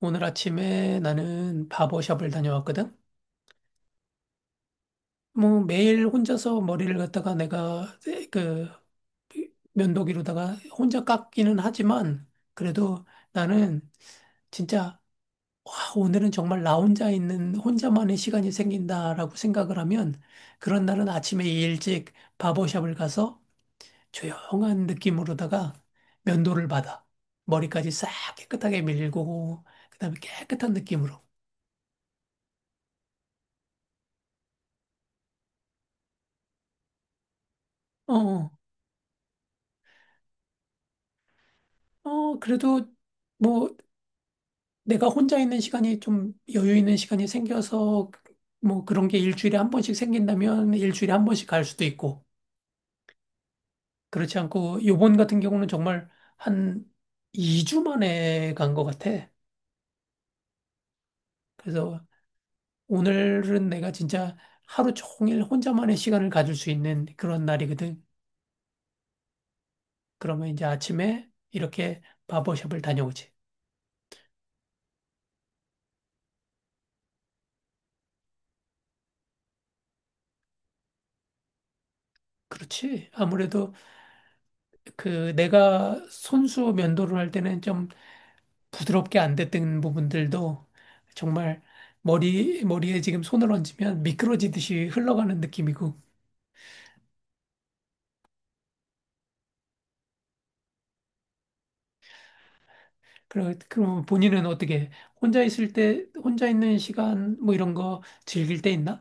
오늘 아침에 나는 바버샵을 다녀왔거든. 뭐 매일 혼자서 머리를 갖다가 내가 그 면도기로다가 혼자 깎기는 하지만 그래도 나는 진짜 와, 오늘은 정말 나 혼자 있는 혼자만의 시간이 생긴다라고 생각을 하면 그런 날은 아침에 일찍 바버샵을 가서 조용한 느낌으로다가 면도를 받아. 머리까지 싹 깨끗하게 밀고 그다음에 깨끗한 느낌으로. 어. 어. 그래도 뭐 내가 혼자 있는 시간이 좀 여유 있는 시간이 생겨서 뭐 그런 게 일주일에 한 번씩 생긴다면 일주일에 한 번씩 갈 수도 있고 그렇지 않고 요번 같은 경우는 정말 한 2주 만에 간 것 같아. 그래서 오늘은 내가 진짜 하루 종일 혼자만의 시간을 가질 수 있는 그런 날이거든. 그러면 이제 아침에 이렇게 바버샵을 다녀오지. 그렇지. 아무래도 그 내가 손수 면도를 할 때는 좀 부드럽게 안 됐던 부분들도 정말 머리에 지금 손을 얹으면 미끄러지듯이 흘러가는 느낌이고. 그럼 본인은 어떻게 혼자 있을 때, 혼자 있는 시간 뭐 이런 거 즐길 때 있나?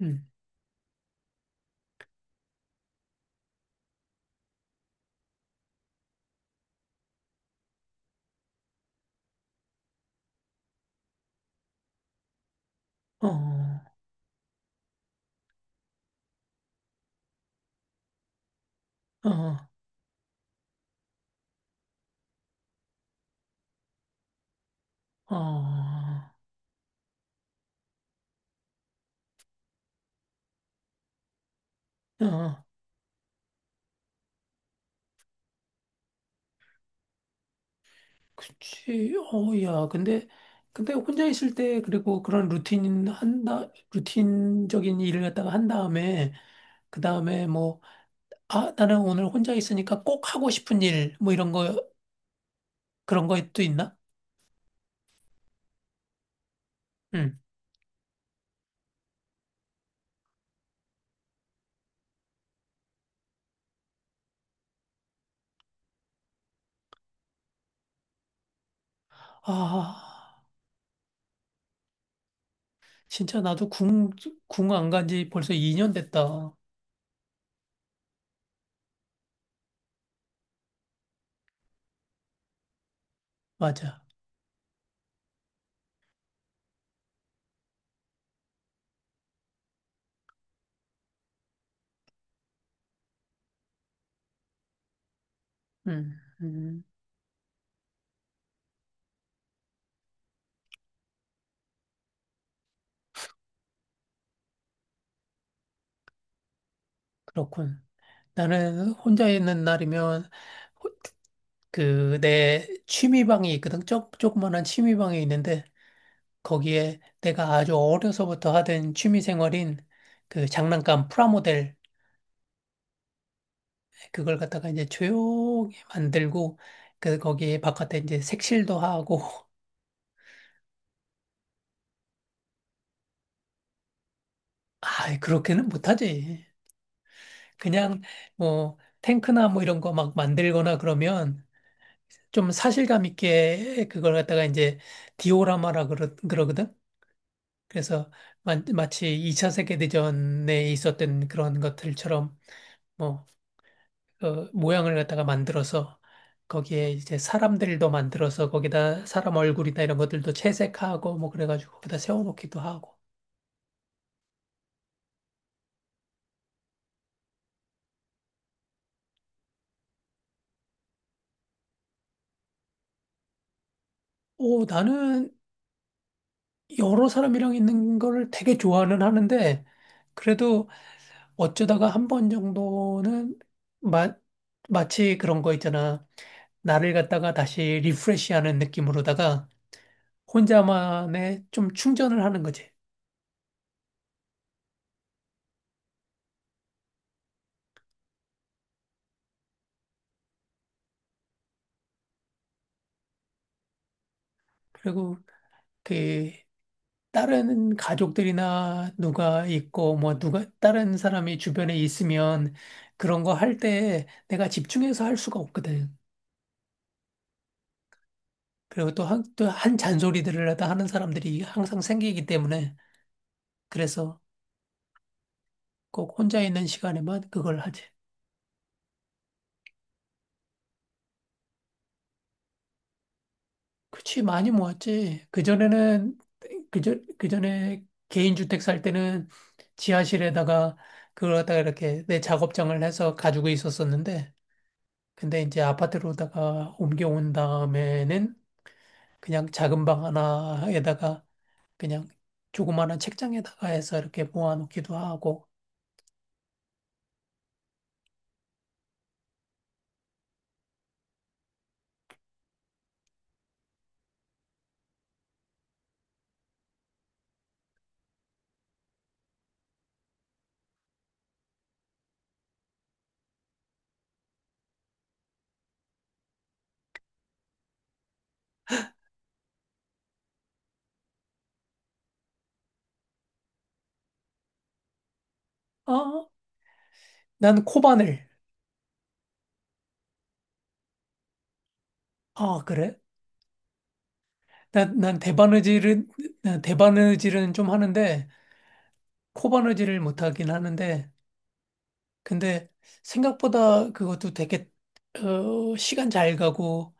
음. 어, 어, 어, 어, 그치. 야, 근데, 근데 혼자 있을 때 그리고 그런 루틴 한다, 루틴적인 일을 갖다가 한 다음에, 그 다음에 뭐, 아, 나는 오늘 혼자 있으니까 꼭 하고 싶은 일, 뭐 이런 거, 그런 것도 있나? 응. 아, 진짜 나도 궁 안 간지 벌써 2년 됐다. 맞아. 음, 음, 그렇군. 나는 혼자 있는 날이면, 호- 그, 내 취미방이 있거든. 조그만한 취미방이 있는데, 거기에 내가 아주 어려서부터 하던 취미생활인 그 장난감 프라모델 그걸 갖다가 이제 조용히 만들고 그 거기에 바깥에 이제 색칠도 하고 아 그렇게는 못하지. 그냥 뭐 탱크나 뭐 이런 거 막 만들거나 그러면 좀 사실감 있게 그걸 갖다가 이제 그러거든. 그래서 마치 2차 세계대전에 있었던 그런 것들처럼 뭐 어, 모양을 갖다가 만들어서 거기에 이제 사람들도 만들어서 거기다 사람 얼굴이나 이런 것들도 채색하고 뭐 그래가지고 거기다 세워놓기도 하고. 오, 나는 여러 사람이랑 있는 걸 되게 좋아는 하는데 그래도 어쩌다가 한 번 정도는 마, 마치 그런 거 있잖아. 나를 갖다가 다시 리프레시하는 느낌으로다가 혼자만의 좀 충전을 하는 거지. 그리고 그 다른 가족들이나 누가 있고 뭐 누가 다른 사람이 주변에 있으면 그런 거 할 때 내가 집중해서 할 수가 없거든. 그리고 또 한 잔소리들을 하다 하는 사람들이 항상 생기기 때문에 그래서 꼭 혼자 있는 시간에만 그걸 하지. 그치, 많이 모았지. 그전에는 그저 그전에 개인주택 살 때는 지하실에다가 그걸 갖다가 이렇게 내 작업장을 해서 가지고 있었었는데 근데 이제 아파트로다가 옮겨온 다음에는 그냥 작은 방 하나에다가 그냥 조그마한 책장에다가 해서 이렇게 모아놓기도 하고. 아, 난 코바늘. 아, 그래? 난 대바느질은, 난 대바느질은 좀 하는데, 코바느질을 못하긴 하는데, 근데 생각보다 그것도 되게, 어, 시간 잘 가고,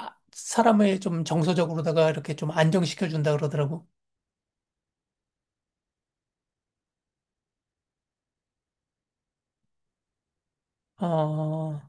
아, 사람을 좀 정서적으로다가 이렇게 좀 안정시켜준다 그러더라고. 어,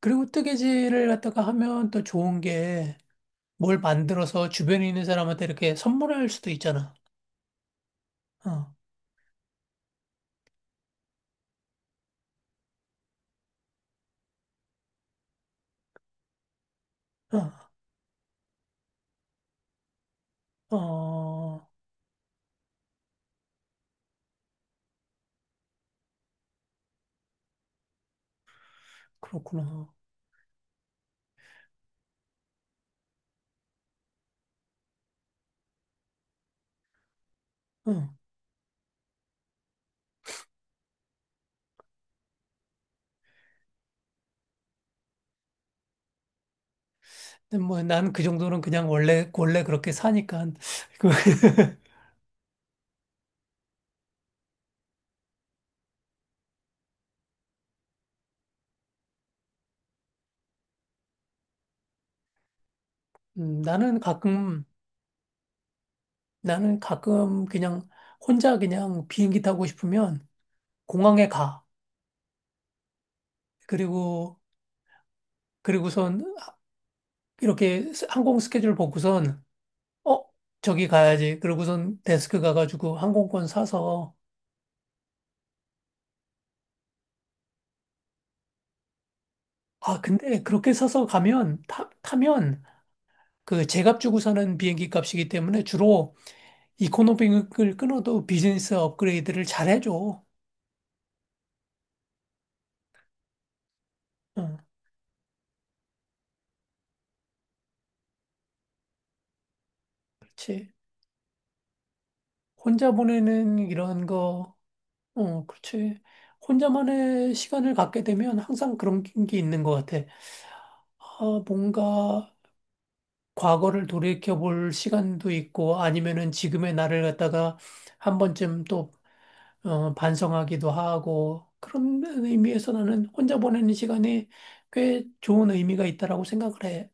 그리고 뜨개질을 갖다가 하면 또 좋은 게 뭘 만들어서 주변에 있는 사람한테 이렇게 선물할 수도 있잖아. 어, 어, 어, 그렇구나. 응. 근데 뭐 난 그 정도는 그냥 원래 원래 그렇게 사니까 그 나는 가끔 나는 가끔 그냥 혼자 그냥 비행기 타고 싶으면 공항에 가. 그리고 그리고선 이렇게 항공 스케줄 보고선 어, 저기 가야지. 그러고선 데스크 가가지고 항공권 사서. 아, 근데 그렇게 사서 가면, 타면 그 제값 주고 사는 비행기 값이기 때문에 주로 이코노미을 끊어도 비즈니스 업그레이드를 잘 해줘. 응, 그렇지. 혼자 보내는 이런 거, 어, 그렇지. 혼자만의 시간을 갖게 되면 항상 그런 게 있는 것 같아. 아, 뭔가 과거를 돌이켜볼 시간도 있고 아니면은 지금의 나를 갖다가 한 번쯤 또 어, 반성하기도 하고 그런 의미에서 나는 혼자 보내는 시간이 꽤 좋은 의미가 있다라고 생각을 해.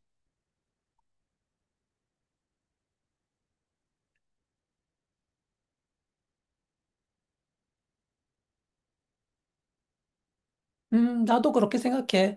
나도 그렇게 생각해.